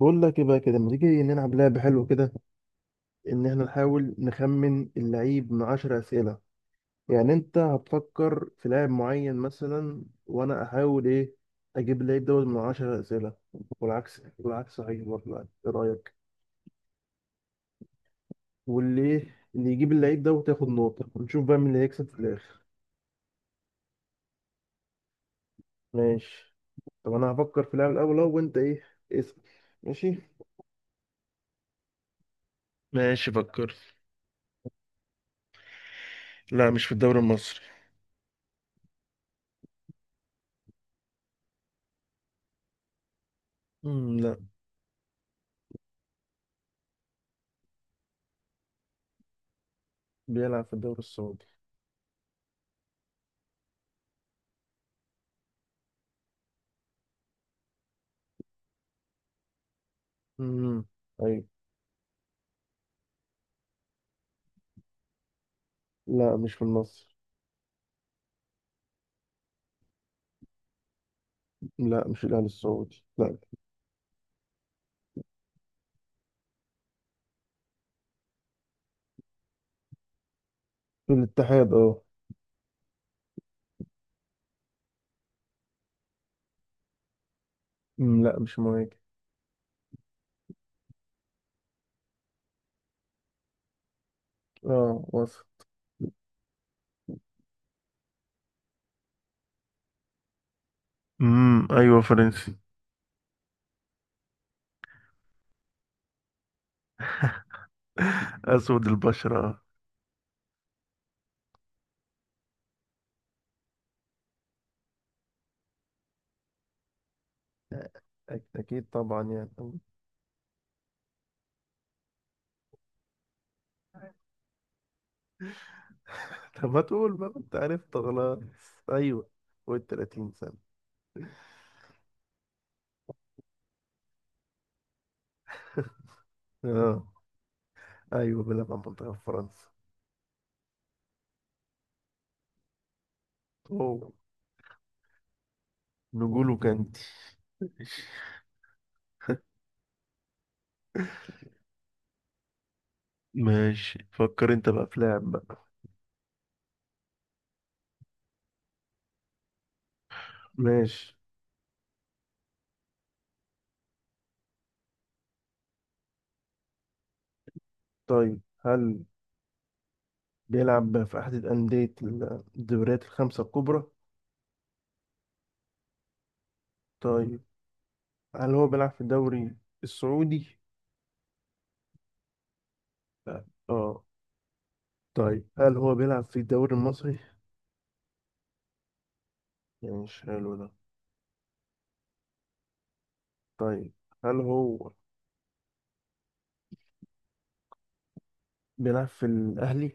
بقول لك ايه بقى كده، ما تيجي نلعب لعبة حلوة كده، ان احنا نحاول نخمن اللعيب من عشر اسئلة. يعني انت هتفكر في لاعب معين مثلا، وانا احاول ايه، اجيب اللعيب دوت من عشر اسئلة. والعكس صحيح برضه يعني. ايه رأيك؟ واللي ايه، اللي يجيب اللعيب دوت ياخد نقطة، ونشوف بقى مين اللي هيكسب في الاخر. ماشي. طب انا هفكر في لاعب الاول اهو، وانت ايه، اسأل. ماشي. ماشي فكر. لا، مش في الدوري المصري. لا. بيلعب في الدوري السعودي. امم لا، مش في النصر. لا، مش الأهلي السعودي، لا. في الاتحاد، اه. أمم، لا مش مهاجم. اه وصل. ايوه فرنسي. اسود البشرة. أكيد طبعا يعني. طب. ما تقول بقى، أنت عرفت خلاص. أيوه، فوق ال 30 سنة. اه. أيوه بيلعب على منتخب فرنسا. أوه. نقوله كانتي. ماشي، فكر انت بقى في لاعب بقى. ماشي. طيب، هل بيلعب في أحد أندية الدوريات الخمسة الكبرى؟ طيب، هل هو بيلعب في الدوري السعودي؟ لا. اه. طيب هل هو بيلعب في الدوري المصري؟ يعني مش حلو ده. طيب، هل هو بيلعب في الأهلي؟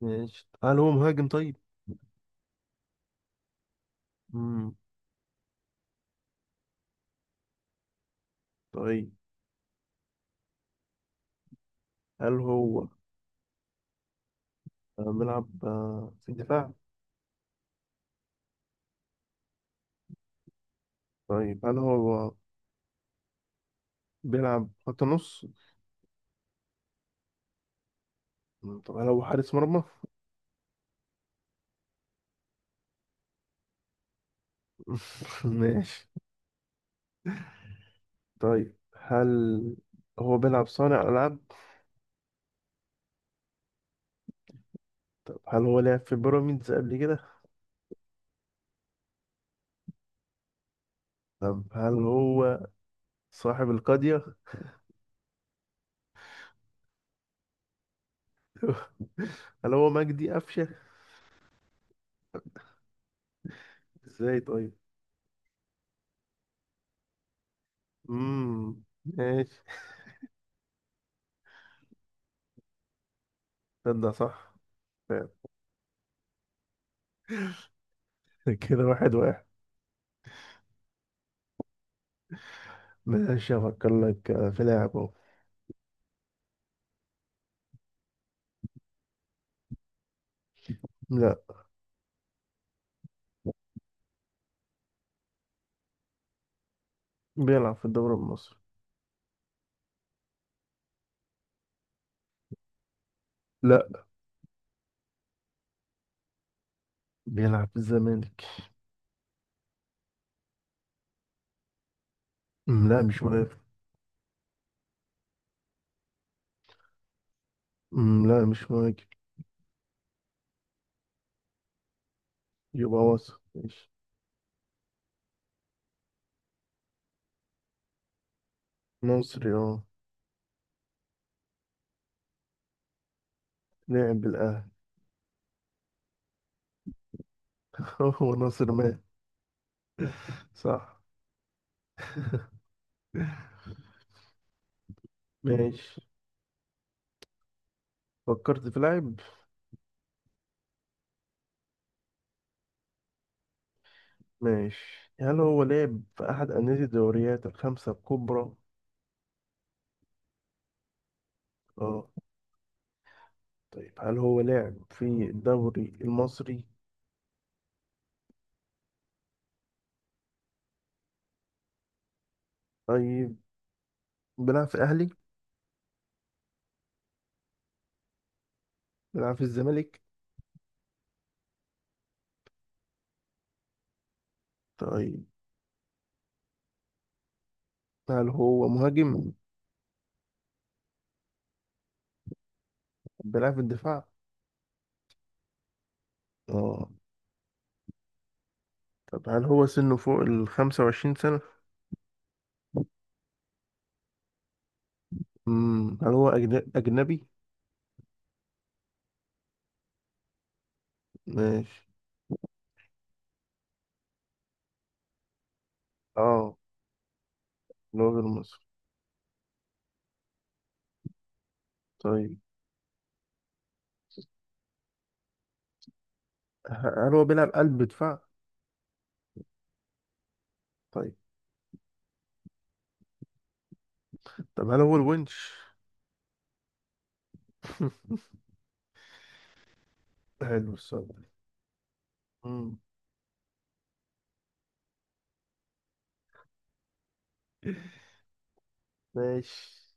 ماشي، هل هو مهاجم طيب؟ مم. طيب، هل هو بيلعب في الدفاع؟ طيب هل هو بيلعب خط نص؟ مم. طب هل هو حارس مرمى؟ ماشي. طيب، هل هو بيلعب صانع ألعاب؟ طب هل هو لعب في بيراميدز قبل كده؟ طب هل هو صاحب القضية؟ هل هو مجدي قفشة؟ ازاي طيب؟ ماشي. تصدق صح، فعلا. كده واحد واحد. ماشي، افكر لك في لاعب اهو. لا. بيلعب في الدوري المصري. لا. بيلعب في الزمالك. أمم، لا مش مهاجم. أمم، لا مش مهاجم. يبقى وسط. ماشي. مصري، اه. لعب بالاهلي. هو ناصر مات. صح. ماشي. فكرت في لاعب. ماشي، هل هو لعب في أحد أندية الدوريات الخمسة الكبرى؟ اه. طيب، هل هو لعب في الدوري المصري؟ طيب، بيلعب في الأهلي؟ بيلعب في الزمالك؟ طيب، هل هو مهاجم؟ بيلعب في الدفاع؟ اه. طب هل هو سنه فوق ال 25 سنة؟ مم. هل هو أجنبي؟ ماشي. اه، اللي هو غير مصري. طيب، هل هو بيلعب قلب دفاع؟ طيب. طب هل هو الونش؟ حلو السؤال ده. مم. ماشي.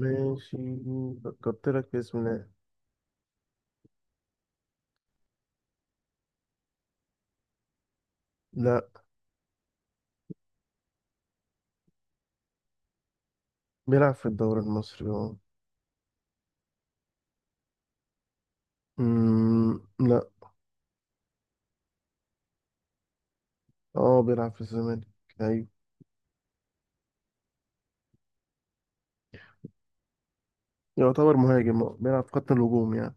ماشي فكرت لك في اسم. لا. لا، بيلعب في الدوري المصري اه. أمم، لا. اه بيلعب في الزمالك، ايوه. يعتبر مهاجم آه. بيلعب في خط الهجوم يعني.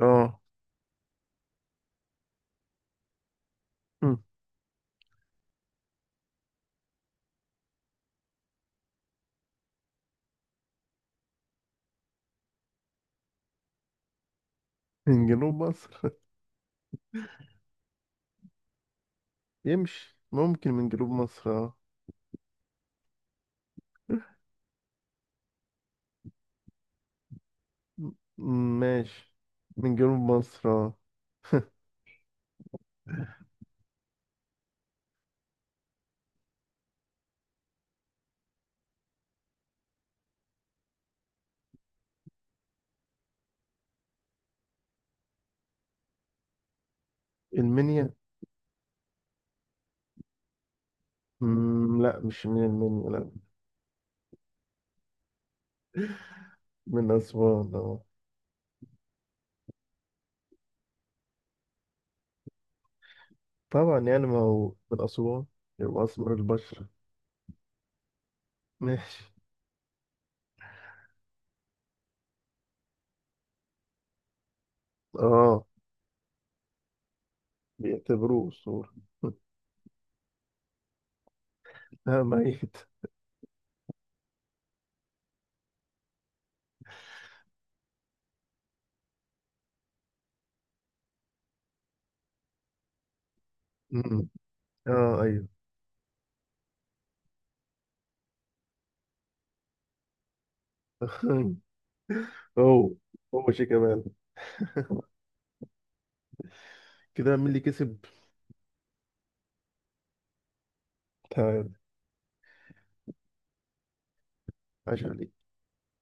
اه. أمم، من جنوب مصر. يمشي، ممكن من جنوب مصر اه. أمم، ماشي، من جنوب مصر اه. المنيا. أمم، لا مش من المنيا، لا. من أسوان اه. طبعا يعني، ما هو من أسوان يبقى أسمر البشرة. ماشي. اه. بيعتبروه أسطورة. لا، ميت. أمم. اه، ايوه. هو شيء كمان. كده مين اللي كسب؟ تعال. عاش عليك.